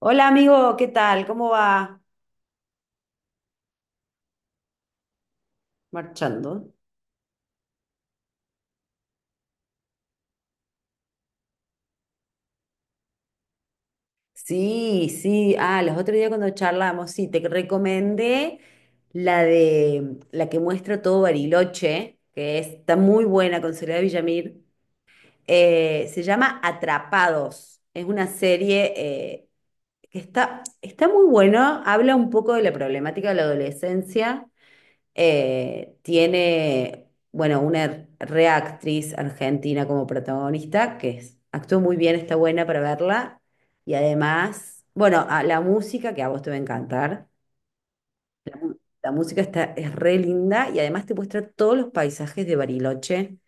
Hola amigo, ¿qué tal? ¿Cómo va? Marchando. Sí, sí. Ah, los otros días cuando charlamos, sí, te recomendé la de la que muestra todo Bariloche, que está muy buena con Soledad Villamil. Se llama Atrapados. Es una serie que está muy buena, habla un poco de la problemática de la adolescencia, tiene, bueno, una reactriz argentina como protagonista, actuó muy bien, está buena para verla. Y además, bueno, la música, que a vos te va a encantar, la música está, es re linda y además te muestra todos los paisajes de Bariloche,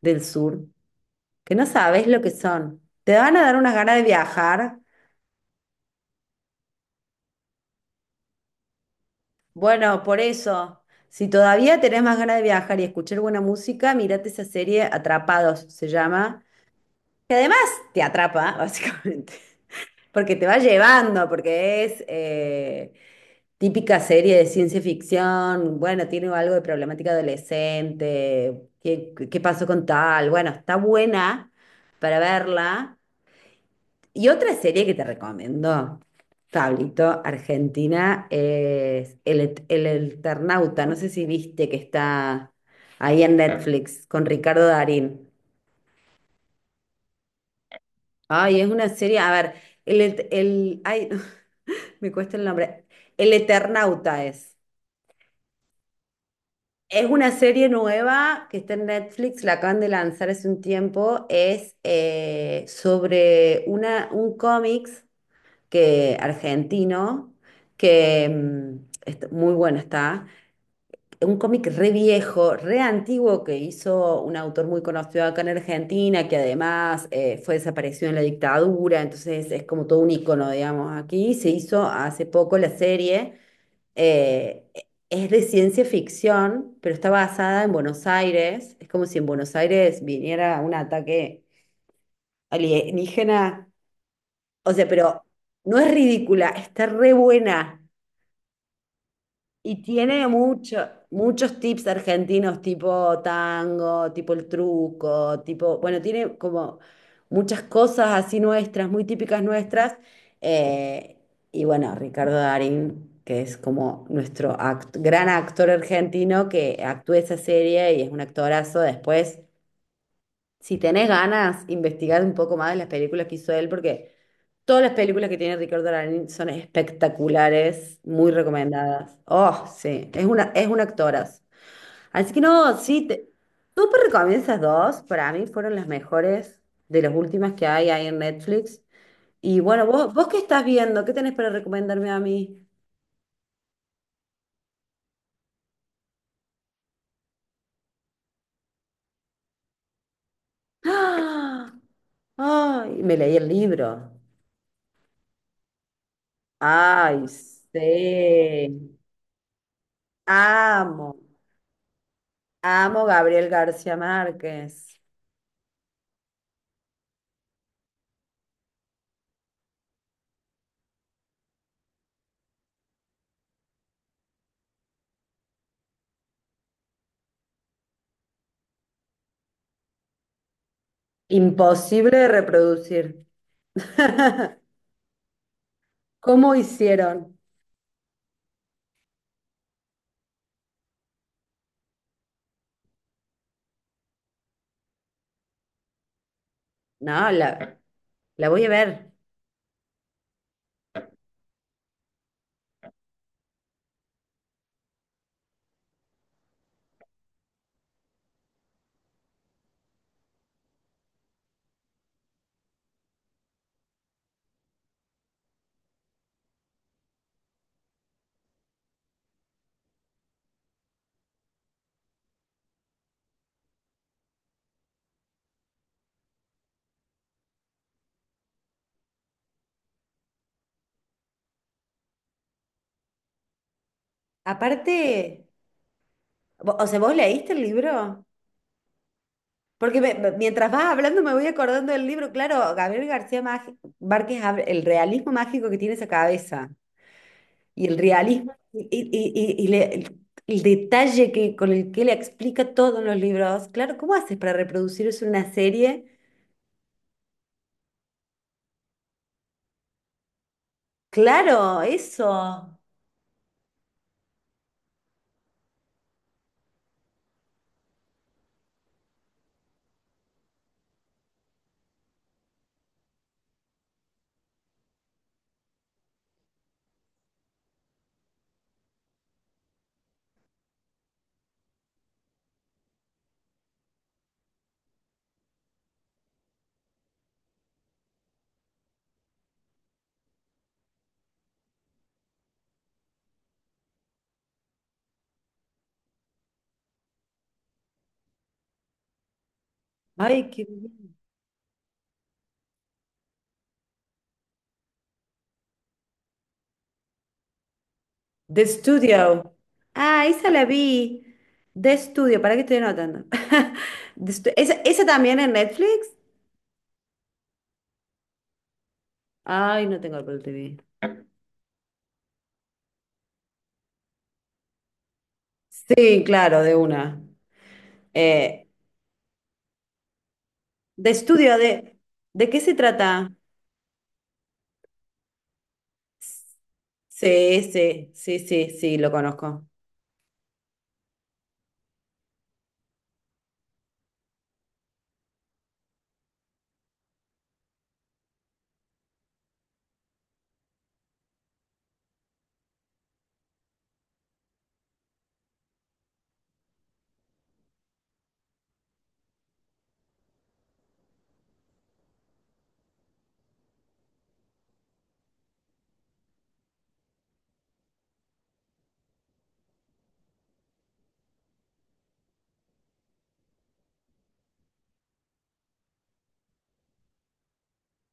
del sur, que no sabes lo que son. Te van a dar unas ganas de viajar. Bueno, por eso. Si todavía tenés más ganas de viajar y escuchar buena música, mirate esa serie Atrapados, se llama. Te atrapa, básicamente, porque te va llevando, porque es típica serie de ciencia ficción, bueno, tiene algo de problemática adolescente, ¿qué pasó con tal? Bueno, está buena para verla. Y otra serie que te recomiendo, Pablito, Argentina, es El Eternauta, no sé si viste que está ahí en Ah, Netflix con Ricardo Darín. Ay, es una serie, a ver, ay, me cuesta el nombre. El Eternauta es. Es una serie nueva que está en Netflix, la acaban de lanzar hace un tiempo. Es Sobre una, un cómics que, argentino que muy bueno está. Un cómic re viejo, re antiguo que hizo un autor muy conocido acá en Argentina, que además fue desaparecido en la dictadura, entonces es como todo un icono, digamos, aquí. Se hizo hace poco la serie. eh, es de ciencia ficción, pero está basada en Buenos Aires. Es como si en Buenos Aires viniera un ataque alienígena. O sea, pero no es ridícula, está re buena. Y tiene muchos tips argentinos, tipo tango, tipo el truco, tipo, bueno, tiene como muchas cosas así nuestras, muy típicas nuestras. eh, y bueno, Ricardo Darín, que es como nuestro gran actor argentino que actúa esa serie y es un actorazo. Después si tenés ganas, investigar un poco más de las películas que hizo él, porque todas las películas que tiene Ricardo Darín son espectaculares, muy recomendadas. Oh, sí, es una, es un actoraz. Así que no, sí, te, súper recomiendo esas dos. Para mí fueron las mejores de las últimas que hay ahí en Netflix. Y bueno, vos qué estás viendo, ¿qué tenés para recomendarme a mí? ¡Ah! ¡Ay! Me leí el libro. ¡Ay, sí! Amo. Amo Gabriel García Márquez. Imposible de reproducir. ¿Cómo hicieron? No, la voy a ver. Aparte, o sea, ¿vos leíste el libro? Porque mientras vas hablando me voy acordando del libro. Claro, Gabriel Márquez, el realismo mágico que tiene esa cabeza y el realismo y el detalle que, con el que le explica todo en los libros. Claro, ¿cómo haces para reproducir eso en una serie? Claro, eso. Ay, qué bien. The Studio. Ah, esa la vi. De estudio, ¿para qué estoy anotando? ¿Esa también en Netflix? Ay, no tengo Apple TV. Sí, claro, de una. Eh, De estudio, ¿de qué se trata? Sí, sí, sí, sí, sí, lo conozco.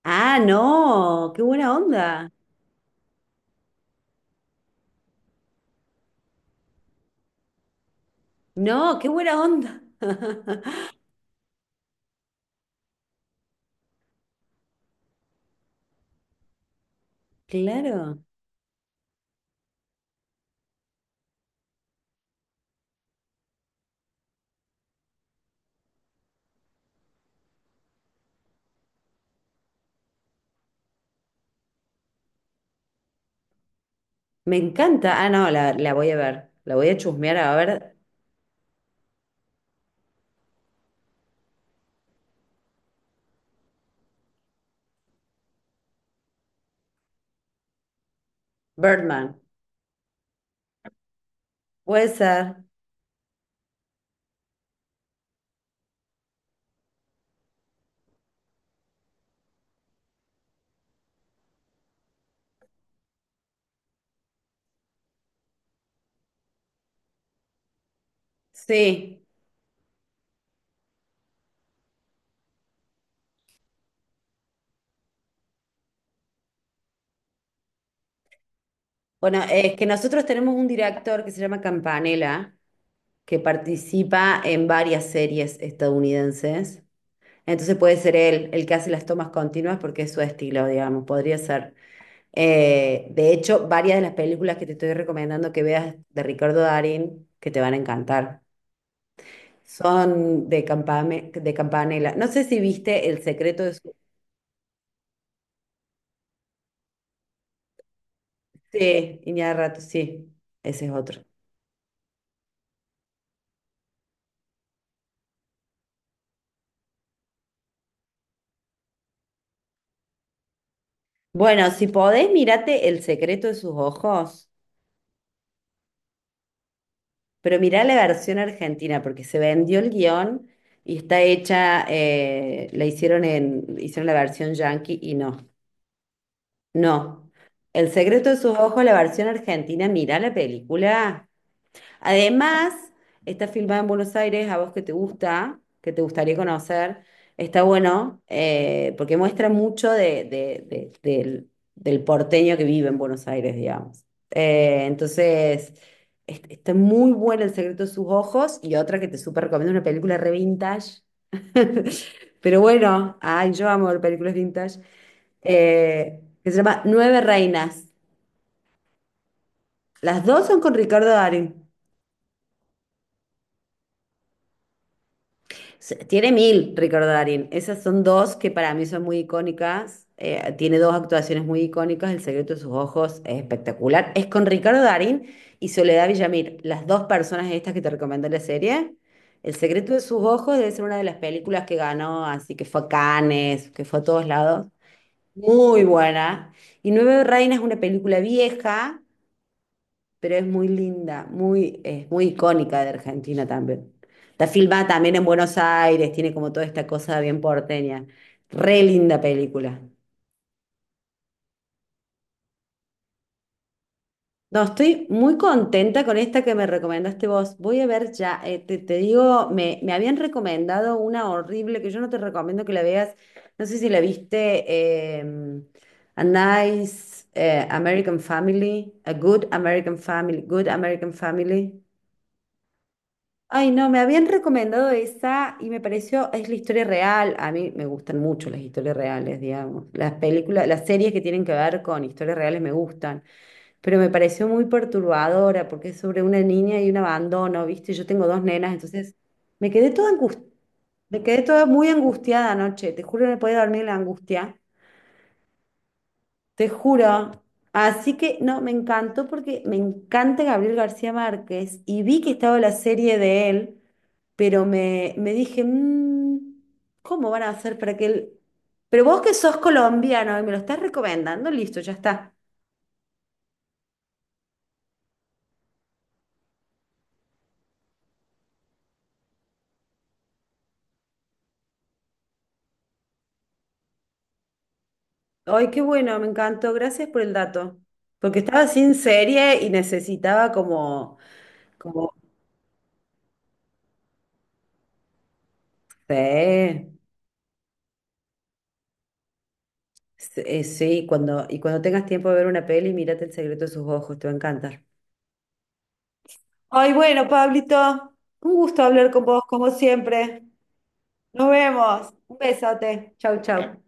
Ah, no, qué buena onda. No, qué buena onda. Claro. Me encanta. Ah, no, la voy a ver. La voy a chusmear a ver. Birdman. Puede ser. Sí. Bueno, es que nosotros tenemos un director que se llama Campanella, que participa en varias series estadounidenses. Entonces puede ser él el que hace las tomas continuas porque es su estilo, digamos, podría ser. De hecho, varias de las películas que te estoy recomendando que veas de Ricardo Darín, que te van a encantar, son de de Campanella. No sé si viste El secreto de... Sí, Iñárritu, rato, sí, ese es otro. Bueno, si podés, mirate El secreto de sus ojos, pero mirá la versión argentina, porque se vendió el guión y está hecha, la hicieron en, hicieron la versión yankee y no, no. El secreto de sus ojos, la versión argentina, mirá la película. Además, está filmada en Buenos Aires, a vos que te gusta, que te gustaría conocer, está bueno porque muestra mucho de, del, del porteño que vive en Buenos Aires, digamos. Entonces, está muy buena El secreto de sus ojos y otra que te súper recomiendo, una película re vintage. Pero bueno, ay, yo amo ver películas vintage, que se llama Nueve Reinas. Las dos son con Ricardo Darín. Tiene mil, Ricardo Darín. Esas son dos que para mí son muy icónicas. Tiene dos actuaciones muy icónicas. El secreto de sus ojos es espectacular. Es con Ricardo Darín y Soledad Villamil, las dos personas estas que te recomendé la serie. El secreto de sus ojos debe ser una de las películas que ganó, así que fue a Cannes, que fue a todos lados. Muy buena. Y Nueve Reinas es una película vieja pero es muy linda, muy, es muy icónica de Argentina también. Está filmada también en Buenos Aires, tiene como toda esta cosa bien porteña. Re linda película. No, estoy muy contenta con esta que me recomendaste vos. Voy a ver ya, te digo, me habían recomendado una horrible que yo no te recomiendo que la veas. No sé si la viste, eh, A Nice American Family, A Good American Family, Good American Family. Ay, no, me habían recomendado esa y me pareció, es la historia real. A mí me gustan mucho las historias reales, digamos. Las películas, las series que tienen que ver con historias reales me gustan, pero me pareció muy perturbadora porque es sobre una niña y un abandono, ¿viste? Yo tengo dos nenas, entonces me quedé toda angustiada, me quedé toda muy angustiada anoche, te juro, no podía dormir la angustia. Te juro. Así que no, me encantó porque me encanta Gabriel García Márquez y vi que estaba la serie de él, pero me dije, "Mm, ¿cómo van a hacer para que él...". Pero vos que sos colombiano y me lo estás recomendando, listo, ya está. Ay, qué bueno, me encantó, gracias por el dato. Porque estaba sin serie y necesitaba como, sí, sí, sí, cuando, y cuando tengas tiempo de ver una peli, mírate El secreto de sus ojos, te va a encantar. Ay, bueno, Pablito, un gusto hablar con vos como siempre. Nos vemos. Un besote. Chau, chau.